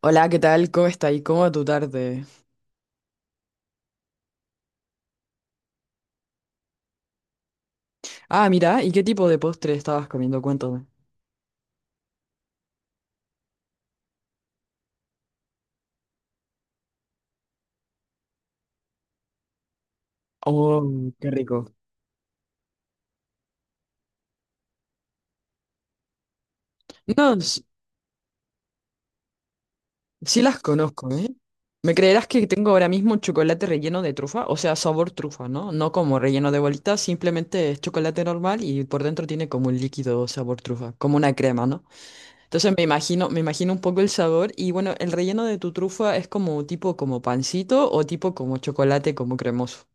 Hola, ¿qué tal? ¿Cómo está? ¿Y cómo va tu tarde? Ah, mira, ¿y qué tipo de postre estabas comiendo? Cuéntame. Oh, qué rico. No, s- Sí las conozco, ¿eh? ¿Me creerás que tengo ahora mismo chocolate relleno de trufa? O sea, sabor trufa, ¿no? No como relleno de bolitas, simplemente es chocolate normal y por dentro tiene como un líquido sabor trufa, como una crema, ¿no? Entonces me imagino un poco el sabor y bueno, el relleno de tu trufa es como tipo como pancito o tipo como chocolate como cremoso.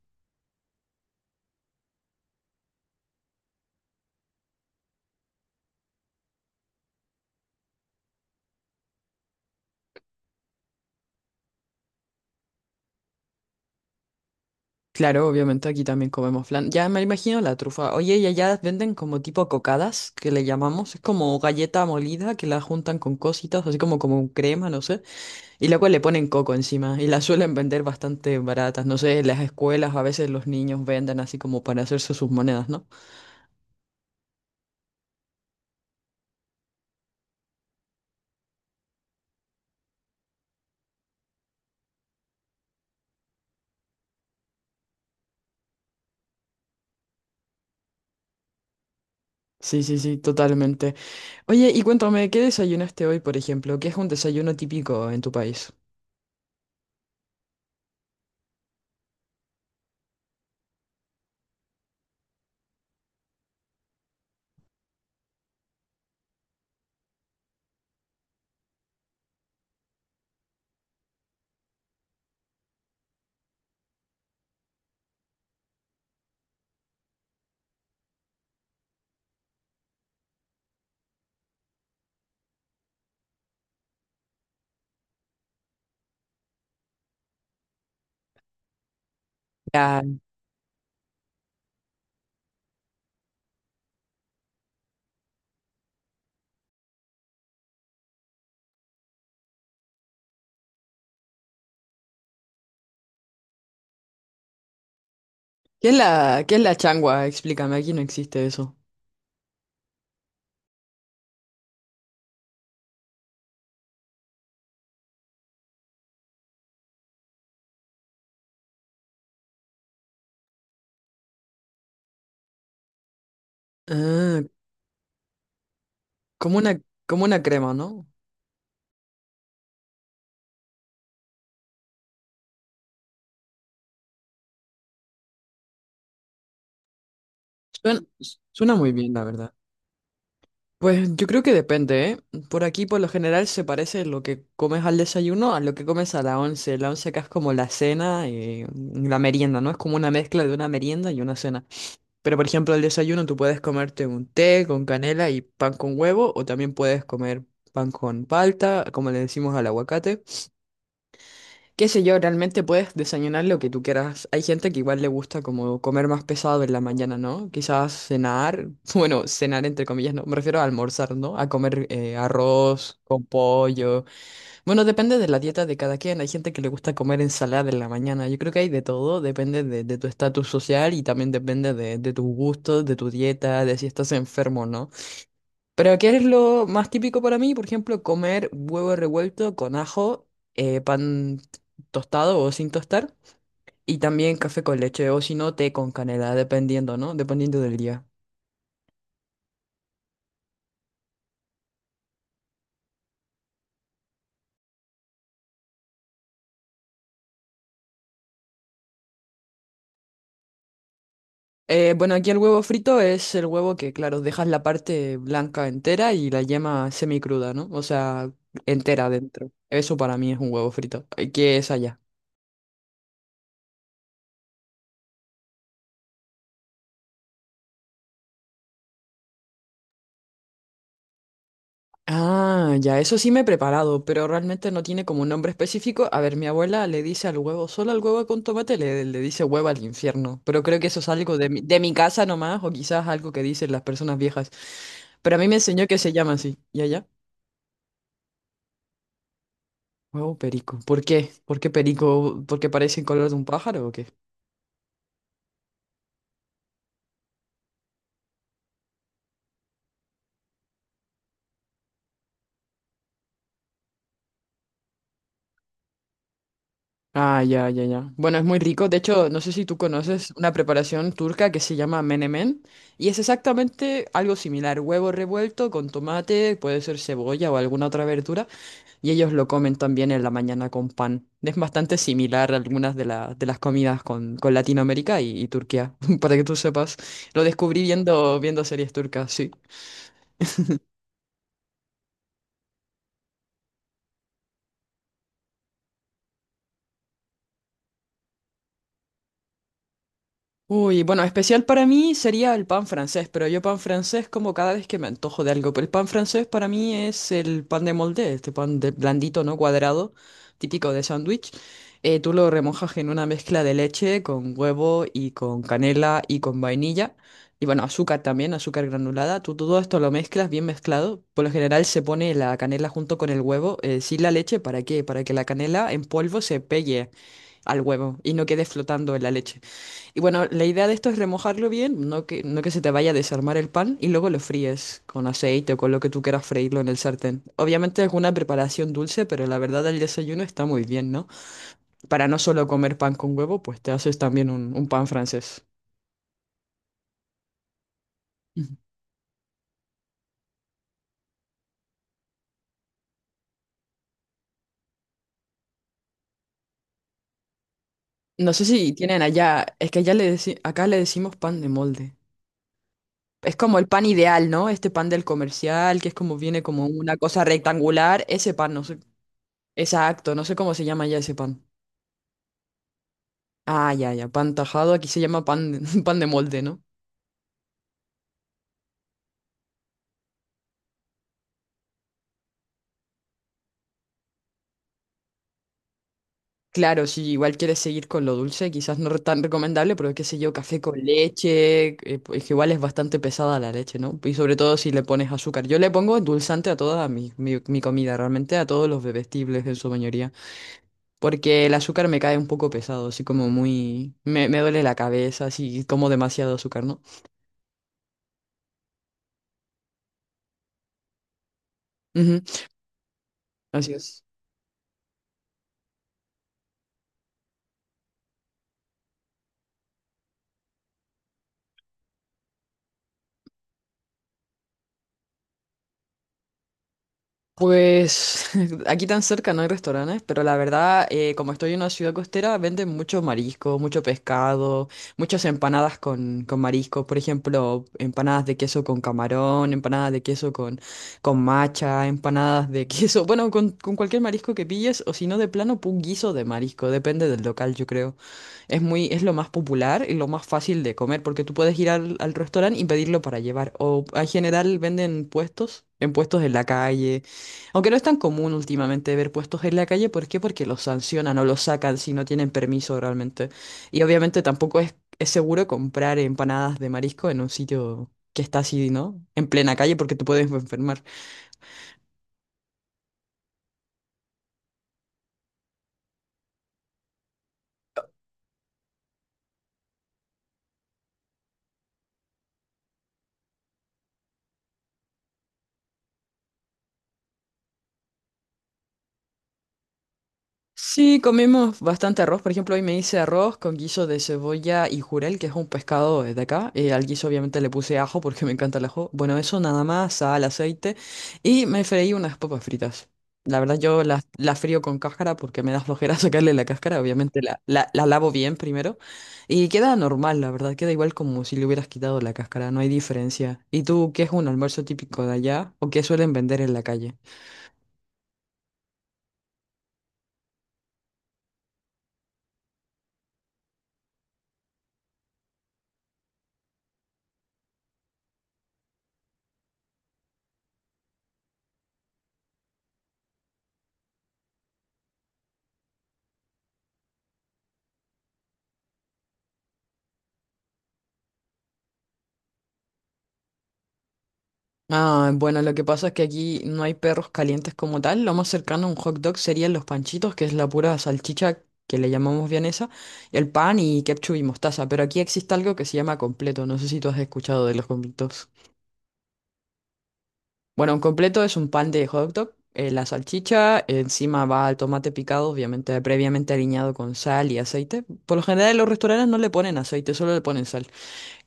Claro, obviamente aquí también comemos flan. Ya me imagino la trufa. Oye, y allá venden como tipo cocadas, que le llamamos. Es como galleta molida que la juntan con cositas, así como crema, no sé. Y luego le ponen coco encima. Y las suelen vender bastante baratas. No sé, en las escuelas a veces los niños venden así como para hacerse sus monedas, ¿no? Sí, sí, sí, totalmente. Oye, y cuéntame, ¿qué desayunaste hoy, por ejemplo? ¿Qué es un desayuno típico en tu país? Ah, qué es la changua? Explícame, aquí no existe eso. Ah, como una, como una crema, ¿no? Suena, Suena muy bien, la verdad. Pues yo creo que depende, ¿eh? Por aquí, por lo general, se parece lo que comes al desayuno a lo que comes a la once. La once acá es como la cena y la merienda, ¿no? Es como una mezcla de una merienda y una cena. Pero, por ejemplo, al desayuno tú puedes comerte un té con canela y pan con huevo, o también puedes comer pan con palta, como le decimos al aguacate. Qué sé yo, realmente puedes desayunar lo que tú quieras. Hay gente que igual le gusta como comer más pesado en la mañana, ¿no? Quizás cenar, bueno, cenar entre comillas, ¿no? Me refiero a almorzar, ¿no? A comer arroz con pollo. Bueno, depende de la dieta de cada quien. Hay gente que le gusta comer ensalada en la mañana. Yo creo que hay de todo, depende de tu estatus social y también depende de tus gustos, de tu dieta, de si estás enfermo, ¿no? Pero ¿qué es lo más típico para mí? Por ejemplo, comer huevo revuelto con ajo, pan tostado o sin tostar, y también café con leche o si no, té con canela, dependiendo, ¿no? Dependiendo del día. Bueno, aquí el huevo frito es el huevo que, claro, dejas la parte blanca entera y la yema semicruda, ¿no? O sea, entera dentro. Eso para mí es un huevo frito. ¿Qué es allá? Ah, ya, eso sí me he preparado, pero realmente no tiene como un nombre específico. A ver, mi abuela le dice al huevo, solo al huevo con tomate le dice huevo al infierno, pero creo que eso es algo de mi casa nomás, o quizás algo que dicen las personas viejas. Pero a mí me enseñó que se llama así, ¿y allá? Huevo perico. ¿Por qué? ¿Por qué perico? ¿Porque parece el color de un pájaro o qué? Ah, ya, ya, ya. Bueno, es muy rico. De hecho, no sé si tú conoces una preparación turca que se llama menemen y es exactamente algo similar. Huevo revuelto con tomate, puede ser cebolla o alguna otra verdura y ellos lo comen también en la mañana con pan. Es bastante similar a algunas de las comidas con Latinoamérica y Turquía, para que tú sepas. Lo descubrí viendo series turcas, sí. Uy, bueno, especial para mí sería el pan francés, pero yo pan francés como cada vez que me antojo de algo. Pero el pan francés para mí es el pan de molde, este pan de blandito, ¿no? Cuadrado, típico de sándwich. Tú lo remojas en una mezcla de leche con huevo y con canela y con vainilla. Y bueno, azúcar también, azúcar granulada. Tú todo esto lo mezclas bien mezclado. Por lo general se pone la canela junto con el huevo, sin la leche, ¿para qué? Para que la canela en polvo se pegue al huevo y no quede flotando en la leche. Y bueno, la idea de esto es remojarlo bien, no que se te vaya a desarmar el pan, y luego lo fríes con aceite o con lo que tú quieras freírlo en el sartén. Obviamente es una preparación dulce, pero la verdad el desayuno está muy bien, ¿no? Para no solo comer pan con huevo, pues te haces también un pan francés. Ujú. No sé si tienen allá, es que acá le decimos pan de molde. Es como el pan ideal, ¿no? Este pan del comercial, que es como viene como una cosa rectangular, ese pan, no sé, exacto, no sé cómo se llama ya ese pan. Ah, ya, ya, pan tajado, aquí se llama pan de, pan de molde, ¿no? Claro, si igual quieres seguir con lo dulce, quizás no tan recomendable, pero qué sé yo, café con leche, pues que igual es bastante pesada la leche, ¿no? Y sobre todo si le pones azúcar. Yo le pongo endulzante a toda mi comida, realmente a todos los bebestibles en su mayoría, porque el azúcar me cae un poco pesado, así como muy... Me duele la cabeza, así como demasiado azúcar, ¿no? Ujú, así es. Pues aquí tan cerca no hay restaurantes, pero la verdad, como estoy en una ciudad costera, venden mucho marisco, mucho pescado, muchas empanadas con marisco, por ejemplo, empanadas de queso con camarón, empanadas de queso con macha, empanadas de queso, bueno, con cualquier marisco que pilles, o si no, de plano, un guiso de marisco, depende del local, yo creo es muy, es lo más popular y lo más fácil de comer, porque tú puedes ir al restaurante y pedirlo para llevar. O en general venden puestos, en puestos en la calle. Aunque no es tan común últimamente ver puestos en la calle, ¿por qué? Porque los sancionan o los sacan si no tienen permiso realmente. Y obviamente tampoco es, es seguro comprar empanadas de marisco en un sitio que está así, ¿no? En plena calle porque te puedes enfermar. Sí, comimos bastante arroz. Por ejemplo, hoy me hice arroz con guiso de cebolla y jurel, que es un pescado de acá. Al guiso obviamente le puse ajo porque me encanta el ajo. Bueno, eso nada más, sal, aceite. Y me freí unas papas fritas. La verdad, yo las frío con cáscara porque me da flojera sacarle la cáscara. Obviamente la lavo bien primero. Y queda normal, la verdad. Queda igual como si le hubieras quitado la cáscara. No hay diferencia. ¿Y tú qué es un almuerzo típico de allá o qué suelen vender en la calle? Ah, bueno, lo que pasa es que aquí no hay perros calientes como tal. Lo más cercano a un hot dog serían los panchitos, que es la pura salchicha que le llamamos vienesa, el pan y ketchup y mostaza. Pero aquí existe algo que se llama completo. No sé si tú has escuchado de los completos. Bueno, un completo es un pan de hot dog, la salchicha, encima va el tomate picado, obviamente previamente aliñado con sal y aceite. Por lo general en los restaurantes no le ponen aceite, solo le ponen sal.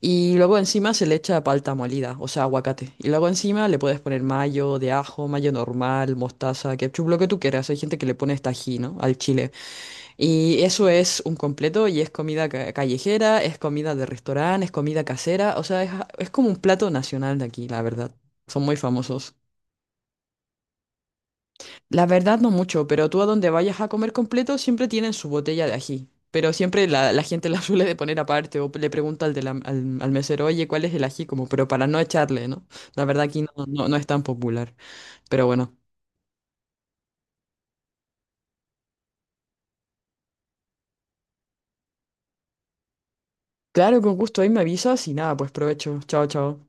Y luego encima se le echa palta molida, o sea, aguacate. Y luego encima le puedes poner mayo de ajo, mayo normal, mostaza, ketchup, lo que tú quieras. Hay gente que le pone hasta ¿no? Al chile. Y eso es un completo y es callejera, es comida de restaurante, es comida casera. O sea, es como un plato nacional de aquí, la verdad. Son muy famosos. La verdad no mucho, pero tú a donde vayas a comer completo siempre tienen su botella de ají. Pero siempre la gente la suele de poner aparte o le pregunta al, al mesero, oye, ¿cuál es el ají? Como, pero para no echarle, ¿no? La verdad aquí no, no, no es tan popular. Pero bueno, claro, con gusto ahí me avisas y nada, pues provecho. Chao, chao.